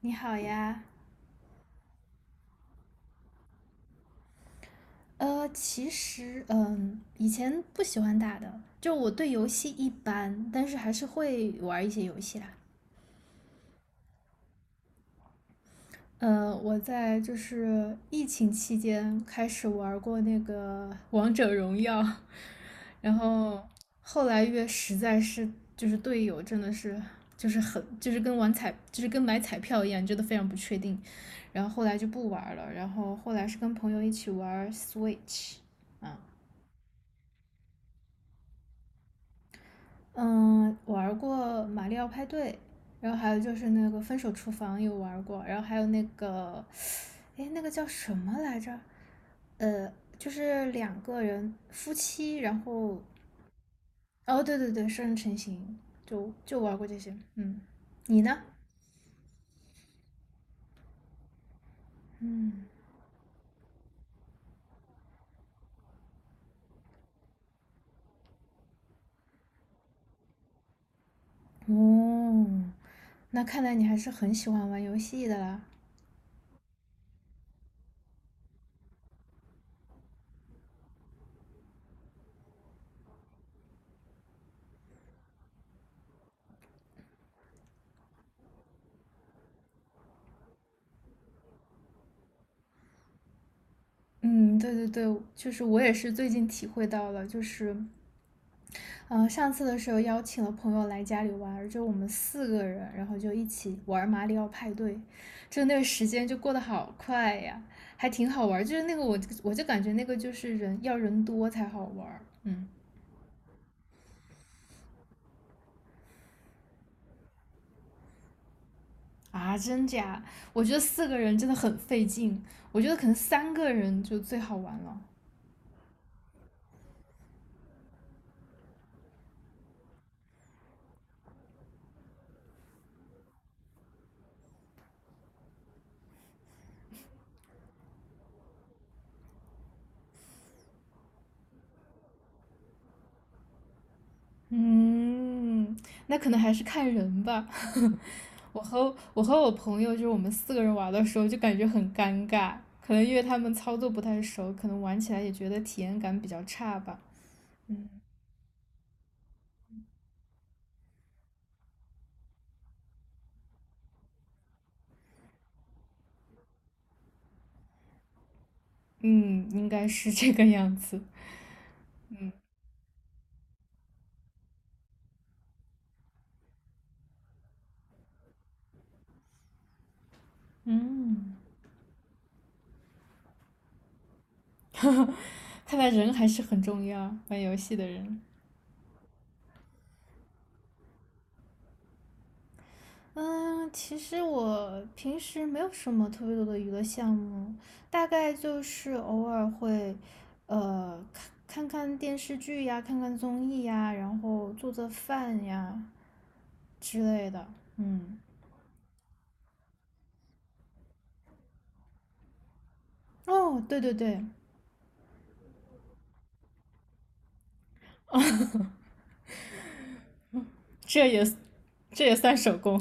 你好呀。其实，以前不喜欢打的，就我对游戏一般，但是还是会玩一些游戏啦。我在就是疫情期间开始玩过那个王者荣耀，然后后来越实在是就是队友真的是就是很就是跟玩彩就是跟买彩票一样，真的非常不确定，然后后来就不玩了，然后后来是跟朋友一起玩 Switch,啊。嗯，玩过《马里奥派对》，然后还有就是那个《分手厨房》有玩过，然后还有那个，哎，那个叫什么来着？呃，就是两个人夫妻，然后，哦，对对对，双人成行，就玩过这些。嗯，你呢？嗯，哦，那看来你还是很喜欢玩游戏的啦。嗯，对对对，就是我也是最近体会到了，就是嗯，上次的时候邀请了朋友来家里玩儿，就我们四个人，然后就一起玩马里奥派对，就那个时间就过得好快呀，还挺好玩就是那个我就感觉那个就是人要人多才好玩嗯啊，真假？我觉得四个人真的很费劲，我觉得可能三个人就最好玩了。嗯，那可能还是看人吧。我和我朋友，就是我们四个人玩的时候，就感觉很尴尬，可能因为他们操作不太熟，可能玩起来也觉得体验感比较差吧。嗯嗯，应该是这个样子。嗯，看来人还是很重要，玩游戏的人。嗯，其实我平时没有什么特别多的娱乐项目，大概就是偶尔会，呃，看看电视剧呀，看看综艺呀，然后做做饭呀之类的。嗯，哦，对对对，这也这也算手工。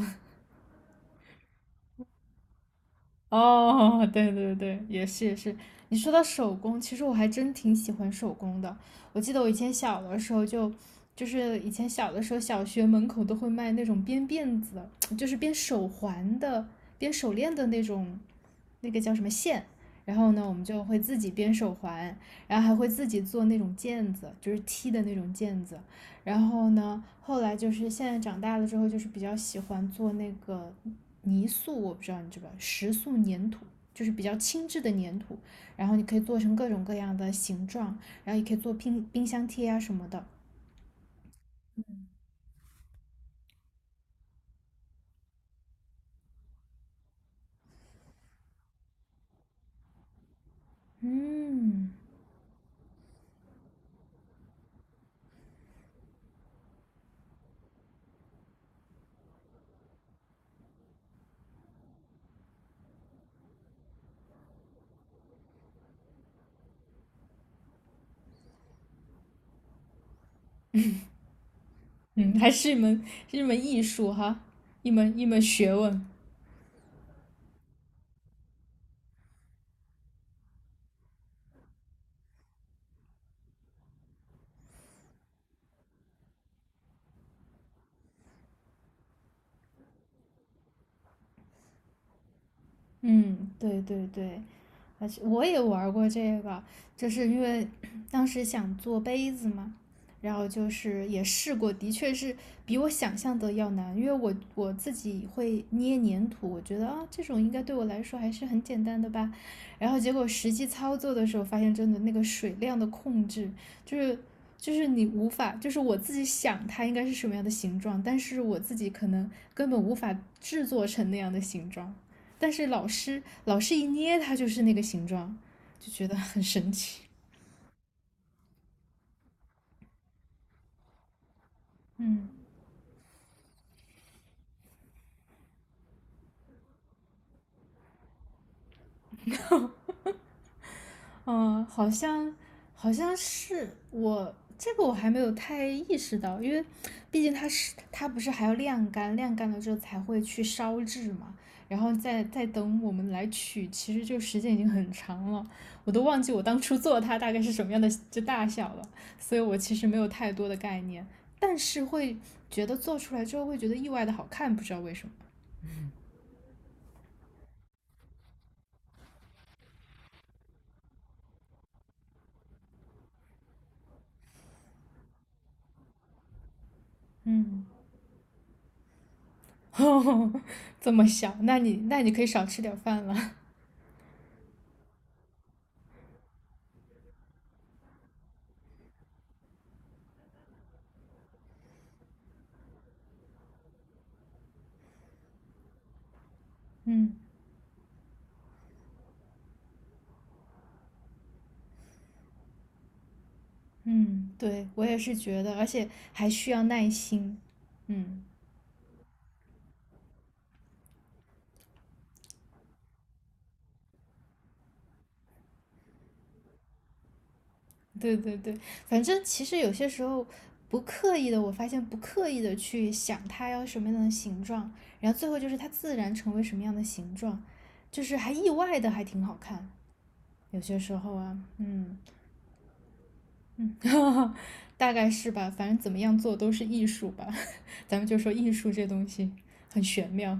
哦，对对对，也是也是。你说到手工，其实我还真挺喜欢手工的。我记得我以前小的时候就是以前小的时候，小学门口都会卖那种编辫子的，就是编手环的、编手链的那种，那个叫什么线。然后呢，我们就会自己编手环，然后还会自己做那种毽子，就是踢的那种毽子。然后呢，后来就是现在长大了之后，就是比较喜欢做那个泥塑，我不知道你知不知道，石塑粘土，就是比较轻质的粘土，然后你可以做成各种各样的形状，然后也可以做冰箱贴啊什么的。嗯嗯，还是一门是一门艺术哈，一门学问。嗯，对对对，而且我也玩过这个，就是因为 当时想做杯子嘛，然后就是也试过，的确是比我想象的要难，因为我自己会捏粘土，我觉得啊这种应该对我来说还是很简单的吧，然后结果实际操作的时候发现，真的那个水量的控制就是。就是你无法，就是我自己想它应该是什么样的形状，但是我自己可能根本无法制作成那样的形状。但是老师一捏它就是那个形状，就觉得很神奇。嗯，嗯，好像好像是我这个我还没有太意识到，因为毕竟它不是还要晾干，晾干了之后才会去烧制嘛，然后再等我们来取，其实就时间已经很长了，我都忘记我当初做它大概是什么样的就大小了，所以我其实没有太多的概念，但是会觉得做出来之后会觉得意外的好看，不知道为什么。嗯 这么小，那你可以少吃点饭了。嗯嗯，对我也是觉得，而且还需要耐心。嗯，对对对，反正其实有些时候不刻意的，我发现不刻意的去想它要什么样的形状，然后最后就是它自然成为什么样的形状，就是还意外的还挺好看。有些时候啊，嗯嗯，大概是吧，反正怎么样做都是艺术吧，咱们就说艺术这东西很玄妙。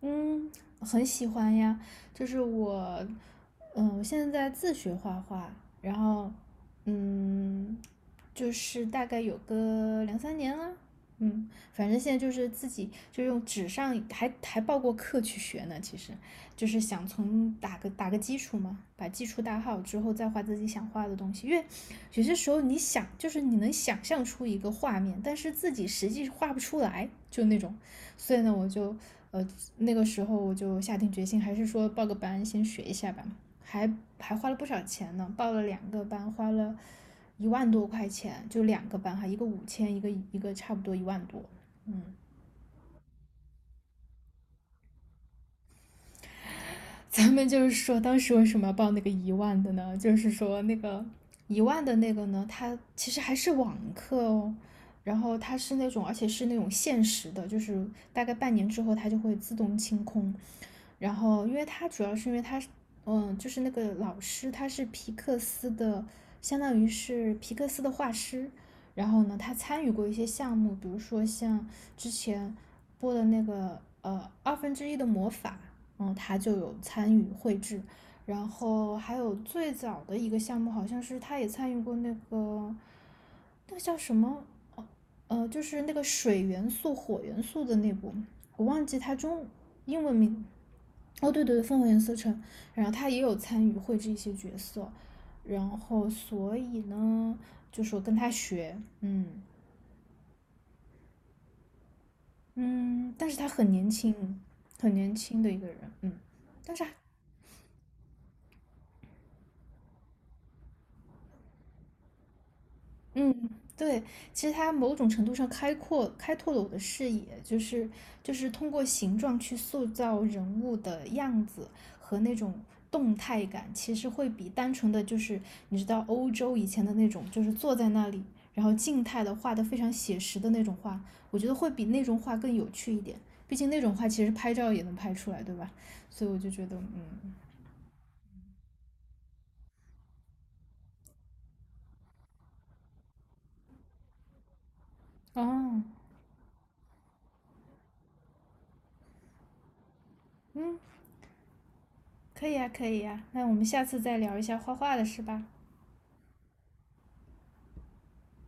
嗯，很喜欢呀，就是我，我现在在自学画画，然后，嗯，就是大概有个两三年了，反正现在就是自己就用纸上还报过课去学呢，其实就是想从打个基础嘛，把基础打好之后再画自己想画的东西，因为有些时候你想就是你能想象出一个画面，但是自己实际画不出来，就那种。所以呢，呃那个时候我就下定决心，还是说报个班先学一下吧，还还花了不少钱呢，报了两个班，花了1万多块钱，就两个班哈，一个5000，一个差不多一万多，嗯，咱们就是说，当时为什么要报那个一万的呢？就是说那个一万的那个呢，它其实还是网课哦，然后它是那种，而且是那种限时的，就是大概半年之后它就会自动清空。然后，因为它主要是因为它，就是那个老师他是皮克斯的，相当于是皮克斯的画师。然后呢，他参与过一些项目，比如说像之前播的那个二分之一的魔法，嗯，他就有参与绘制。然后还有最早的一个项目，好像是他也参与过那个，那个叫什么？哦，就是那个水元素、火元素的那部，我忘记他中英文名。哦，对对对，《烽火连四城》，然后他也有参与绘制一些角色，然后所以呢，就说跟他学，嗯嗯，但是他很年轻，很年轻的一个人，嗯，但是嗯，对，其实它某种程度上开阔开拓了我的视野，就是就是通过形状去塑造人物的样子和那种动态感，其实会比单纯的就是你知道欧洲以前的那种，就是坐在那里，然后静态的画的非常写实的那种画，我觉得会比那种画更有趣一点。毕竟那种画其实拍照也能拍出来，对吧？所以我就觉得，嗯，哦，嗯，可以呀，可以呀，那我们下次再聊一下画画的事吧。